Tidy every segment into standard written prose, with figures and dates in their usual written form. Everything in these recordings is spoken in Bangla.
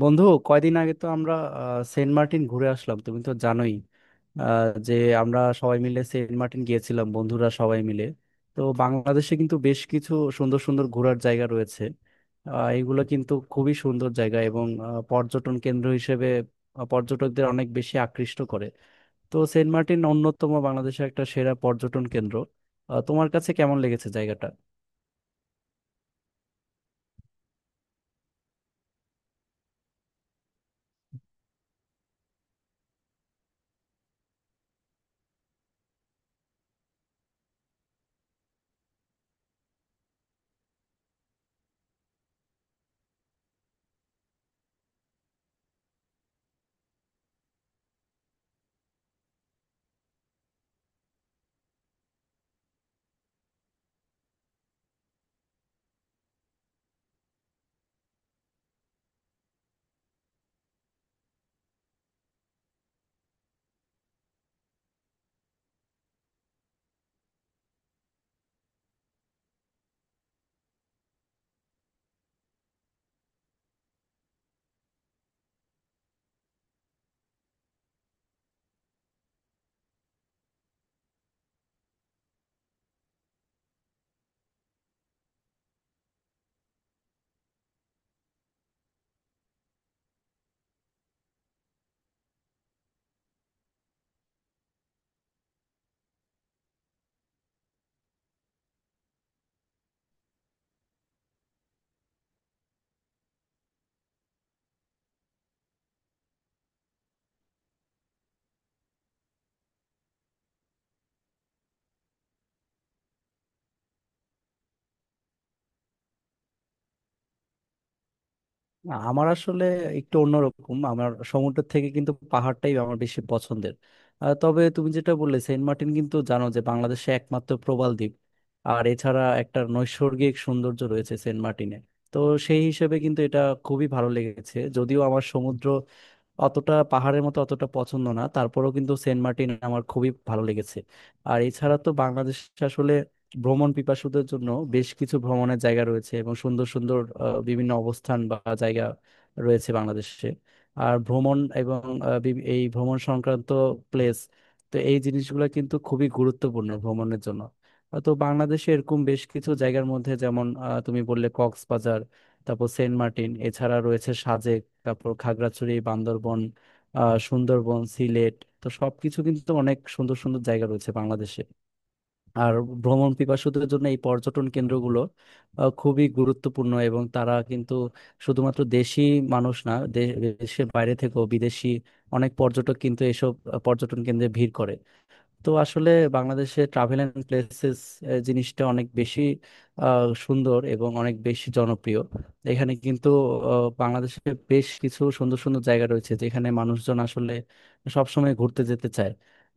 বন্ধু কয়দিন আগে তো আমরা আহ, সেন্ট মার্টিন ঘুরে আসলাম। তুমি তো জানোই আহ, যে আমরা সবাই মিলে সেন্ট মার্টিন গিয়েছিলাম, বন্ধুরা সবাই মিলে। তো বাংলাদেশে কিন্তু বেশ কিছু সুন্দর সুন্দর ঘোরার জায়গা রয়েছে। আহ, এগুলো কিন্তু খুবই সুন্দর জায়গা এবং আহ, পর্যটন কেন্দ্র হিসেবে আহ, পর্যটকদের অনেক বেশি আকৃষ্ট করে। তো সেন্ট মার্টিন অন্যতম বাংলাদেশের একটা সেরা পর্যটন কেন্দ্র। আহ, তোমার কাছে কেমন লেগেছে জায়গাটা? না, আমার আসলে একটু অন্যরকম, আমার সমুদ্রের থেকে কিন্তু পাহাড়টাই আমার বেশি পছন্দের। আহ, তবে তুমি যেটা বললে, সেন্ট মার্টিন কিন্তু জানো যে বাংলাদেশে একমাত্র প্রবাল দ্বীপ। আর এছাড়া একটা নৈসর্গিক সৌন্দর্য রয়েছে সেন্ট মার্টিনে। তো সেই হিসেবে কিন্তু এটা খুবই ভালো লেগেছে। যদিও আমার সমুদ্র অতটা, পাহাড়ের মতো অতটা পছন্দ না, তারপরেও কিন্তু সেন্ট মার্টিন আমার খুবই ভালো লেগেছে। আর এছাড়া তো বাংলাদেশ আসলে ভ্রমণ পিপাসুদের জন্য বেশ কিছু ভ্রমণের জায়গা রয়েছে এবং সুন্দর সুন্দর আহ, বিভিন্ন অবস্থান বা জায়গা রয়েছে বাংলাদেশে। আর ভ্রমণ এবং আহ, বিভি- এই ভ্রমণ সংক্রান্ত প্লেস, তো এই জিনিসগুলো কিন্তু খুবই গুরুত্বপূর্ণ ভ্রমণের জন্য। আহ, তো বাংলাদেশে এরকম বেশ কিছু জায়গার মধ্যে, যেমন আহ, তুমি বললে কক্সবাজার, তারপর সেন্ট মার্টিন, এছাড়া রয়েছে সাজেক, তারপর খাগড়াছড়ি, বান্দরবন, সুন্দরবন, সিলেট। তো সবকিছু কিন্তু অনেক সুন্দর সুন্দর জায়গা রয়েছে বাংলাদেশে। আর ভ্রমণ পিপাসুদের জন্য এই পর্যটন কেন্দ্রগুলো আহ, খুবই গুরুত্বপূর্ণ এবং তারা কিন্তু শুধুমাত্র দেশি মানুষ না, দেশের বাইরে থেকেও বিদেশি অনেক পর্যটক কিন্তু এসব আহ, পর্যটন কেন্দ্রে ভিড় করে। তো আসলে বাংলাদেশে ট্রাভেল এন্ড প্লেসেস জিনিসটা অনেক বেশি আহ, সুন্দর এবং অনেক বেশি জনপ্রিয়। এখানে কিন্তু আহ, বাংলাদেশে বেশ কিছু সুন্দর সুন্দর জায়গা রয়েছে যেখানে মানুষজন আসলে সবসময় ঘুরতে যেতে চায়।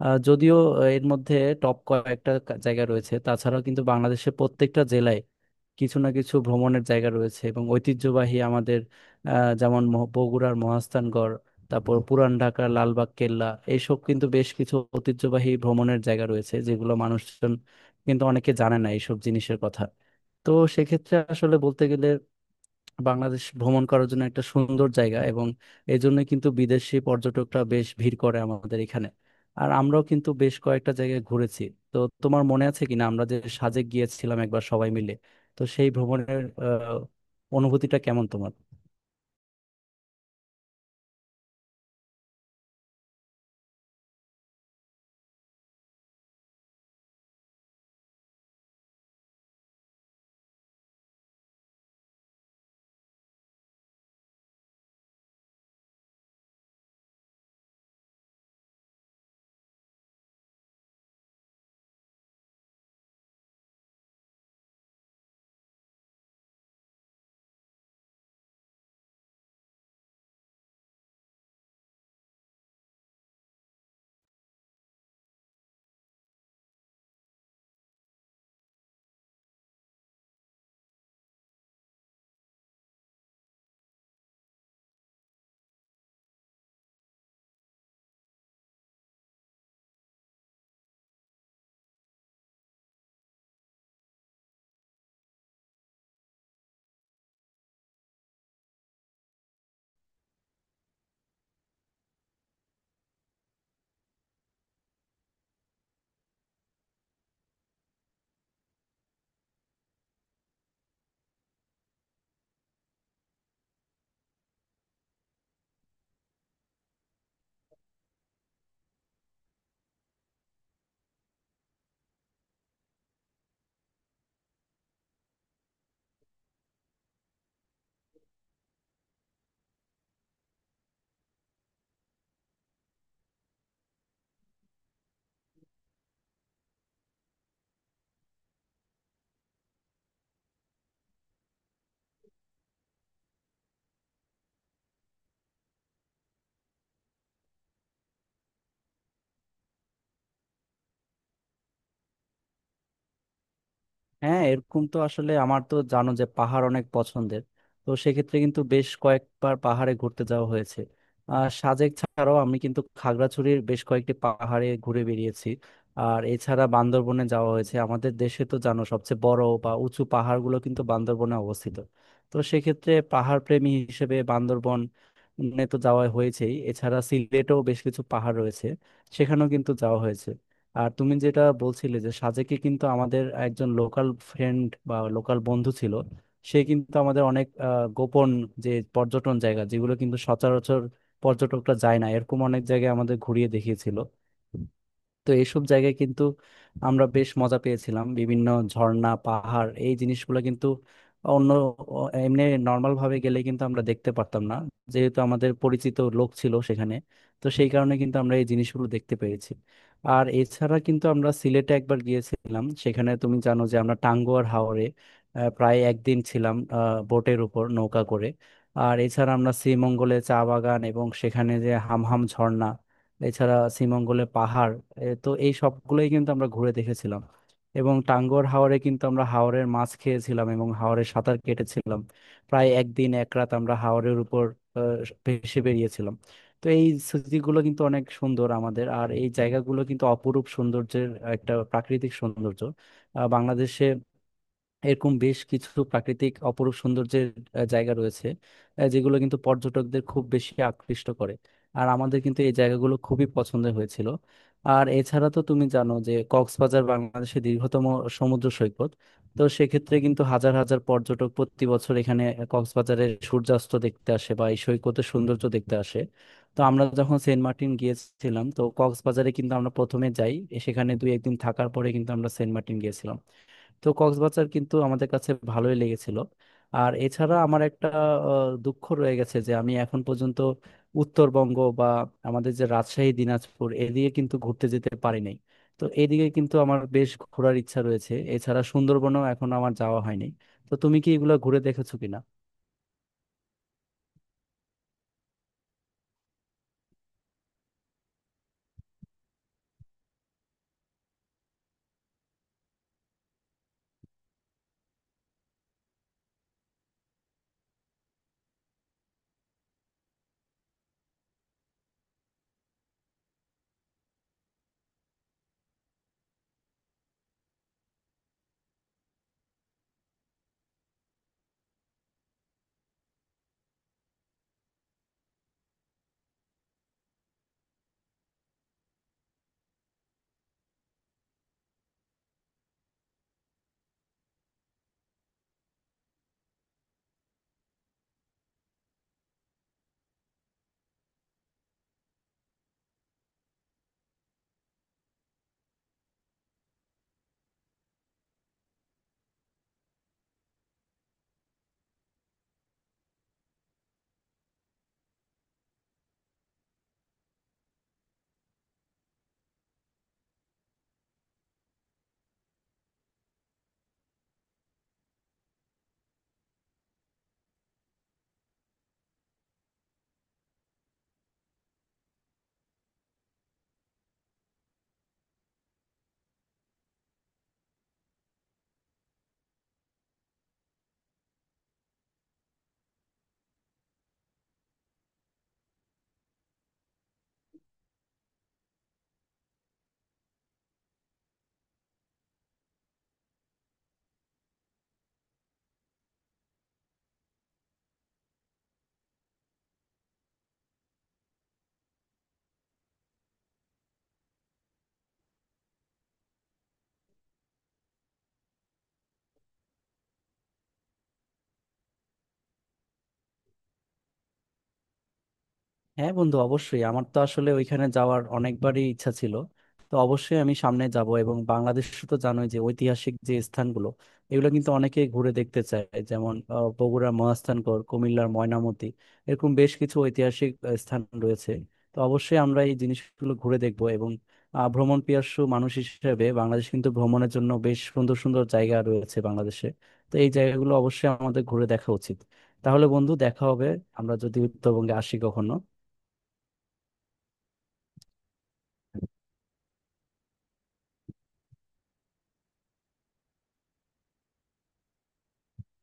আহ, যদিও আহ, এর মধ্যে টপ কয়েকটা জায়গা রয়েছে, তাছাড়াও কিন্তু বাংলাদেশে প্রত্যেকটা জেলায় কিছু না কিছু ভ্রমণের জায়গা রয়েছে এবং ঐতিহ্যবাহী আমাদের আহ, যেমন মহ- বগুড়ার মহাস্থানগড়, তারপর পুরান ঢাকার লালবাগ কেল্লা। এইসব কিন্তু বেশ কিছু ঐতিহ্যবাহী ভ্রমণের জায়গা রয়েছে যেগুলো মানুষজন, কিন্তু অনেকে জানে না এইসব জিনিসের কথা। তো সেক্ষেত্রে আসলে বলতে গেলে, বাংলাদেশ ভ্রমণ করার জন্য একটা সুন্দর জায়গা এবং এই জন্য কিন্তু বিদেশি পর্যটকরা বেশ ভিড় করে আমাদের এখানে। আর আমরাও কিন্তু বেশ কয়েকটা জায়গায় ঘুরেছি। তো তোমার মনে আছে কিনা আমরা যে সাজেক গিয়েছিলাম একবার সবাই মিলে? তো সেই ভ্রমণের আহ, অনুভূতিটা কেমন তোমার? হ্যাঁ, এরকম তো আসলে আমার, তো জানো যে পাহাড় অনেক পছন্দের, তো সেক্ষেত্রে কিন্তু বেশ কয়েকবার পাহাড়ে ঘুরতে যাওয়া হয়েছে। আর সাজেক ছাড়াও আমি কিন্তু খাগড়াছড়ির বেশ কয়েকটি পাহাড়ে ঘুরে বেরিয়েছি। আর এছাড়া বান্দরবনে যাওয়া হয়েছে। আমাদের দেশে তো জানো সবচেয়ে বড় বা উঁচু পাহাড়গুলো কিন্তু বান্দরবনে অবস্থিত। তো সেক্ষেত্রে পাহাড় প্রেমী হিসেবে বান্দরবন তো যাওয়া হয়েছেই। এছাড়া সিলেটেও বেশ কিছু পাহাড় রয়েছে, সেখানেও কিন্তু যাওয়া হয়েছে। আর তুমি যেটা বলছিলে যে সাজেকে কিন্তু আমাদের একজন লোকাল ফ্রেন্ড বা লোকাল বন্ধু ছিল। সে কিন্তু আমাদের অনেক আহ, গোপন যে পর্যটন জায়গা, যেগুলো কিন্তু সচরাচর পর্যটকরা যায় না, এরকম অনেক জায়গায় আমাদের ঘুরিয়ে দেখিয়েছিল। তো এইসব জায়গায় কিন্তু আমরা বেশ মজা পেয়েছিলাম। বিভিন্ন ঝর্ণা, পাহাড়, এই জিনিসগুলো কিন্তু অন্য এমনি নর্মাল ভাবে গেলে কিন্তু আমরা দেখতে পারতাম না। যেহেতু আমাদের পরিচিত লোক ছিল সেখানে, তো সেই কারণে কিন্তু আমরা এই জিনিসগুলো দেখতে পেরেছি। আর এছাড়া কিন্তু আমরা সিলেটে একবার গিয়েছিলাম, সেখানে তুমি জানো যে আমরা টাঙ্গুয়ার হাওরে আহ, প্রায় একদিন ছিলাম আহ, বোটের উপর নৌকা করে। আর এছাড়া আমরা শ্রীমঙ্গলে চা বাগান এবং সেখানে যে হামহাম ঝর্ণা, এছাড়া শ্রীমঙ্গলে পাহাড়, এ তো এই সবগুলোই কিন্তু আমরা ঘুরে দেখেছিলাম। এবং টাঙ্গর হাওরে কিন্তু আমরা হাওরের মাছ খেয়েছিলাম এবং হাওরে সাঁতার কেটেছিলাম। প্রায় একদিন এক রাত আমরা হাওরের উপর আহ, ভেসে বেরিয়েছিলাম। তো এই স্মৃতিগুলো কিন্তু অনেক সুন্দর আমাদের, আর এই জায়গাগুলো কিন্তু অপরূপ সৌন্দর্যের, একটা প্রাকৃতিক সৌন্দর্য। আহ, বাংলাদেশে এরকম বেশ কিছু প্রাকৃতিক অপরূপ সৌন্দর্যের আহ, জায়গা রয়েছে, আহ, যেগুলো কিন্তু পর্যটকদের খুব বেশি আকৃষ্ট করে। আর আমাদের কিন্তু এই জায়গাগুলো খুবই পছন্দের হয়েছিল। আর এছাড়া তো তুমি জানো যে কক্সবাজার বাংলাদেশের দীর্ঘতম সমুদ্র সৈকত। তো সেক্ষেত্রে কিন্তু হাজার হাজার পর্যটক প্রতি বছর এখানে কক্সবাজারের সূর্যাস্ত দেখতে আসে বা এই সৈকতের সৌন্দর্য দেখতে আসে। তো আমরা যখন সেন্ট মার্টিন গিয়েছিলাম, তো কক্সবাজারে কিন্তু আমরা প্রথমে যাই, সেখানে দুই একদিন থাকার পরে কিন্তু আমরা সেন্ট মার্টিন গিয়েছিলাম। তো কক্সবাজার কিন্তু আমাদের কাছে ভালোই লেগেছিল। আর এছাড়া আমার একটা আহ, দুঃখ রয়ে গেছে যে আমি এখন পর্যন্ত উত্তরবঙ্গ বা আমাদের যে রাজশাহী, দিনাজপুর, এদিকে কিন্তু ঘুরতে যেতে পারি নাই। তো এদিকে কিন্তু আমার বেশ ঘোরার ইচ্ছা রয়েছে। এছাড়া সুন্দরবনও এখন আমার যাওয়া হয়নি। তো তুমি কি এগুলো ঘুরে দেখেছো কিনা? হ্যাঁ বন্ধু, অবশ্যই আমার তো আসলে ওইখানে যাওয়ার অনেকবারই ইচ্ছা ছিল, তো অবশ্যই আমি সামনে যাব। এবং বাংলাদেশ তো জানোই যে ঐতিহাসিক যে স্থানগুলো, এগুলো কিন্তু অনেকে ঘুরে দেখতে চায়। যেমন আহ, বগুড়ার মহাস্থানগড়, কুমিল্লার ময়নামতি, এরকম বেশ কিছু ঐতিহাসিক আহ, স্থান রয়েছে। তো অবশ্যই আমরা এই জিনিসগুলো ঘুরে দেখব। এবং আহ, ভ্রমণ পিপাসু মানুষ হিসেবে বাংলাদেশ কিন্তু ভ্রমণের জন্য বেশ সুন্দর সুন্দর জায়গা রয়েছে বাংলাদেশে। তো এই জায়গাগুলো অবশ্যই আমাদের ঘুরে দেখা উচিত। তাহলে বন্ধু দেখা হবে আমরা যদি উত্তরবঙ্গে আসি কখনো।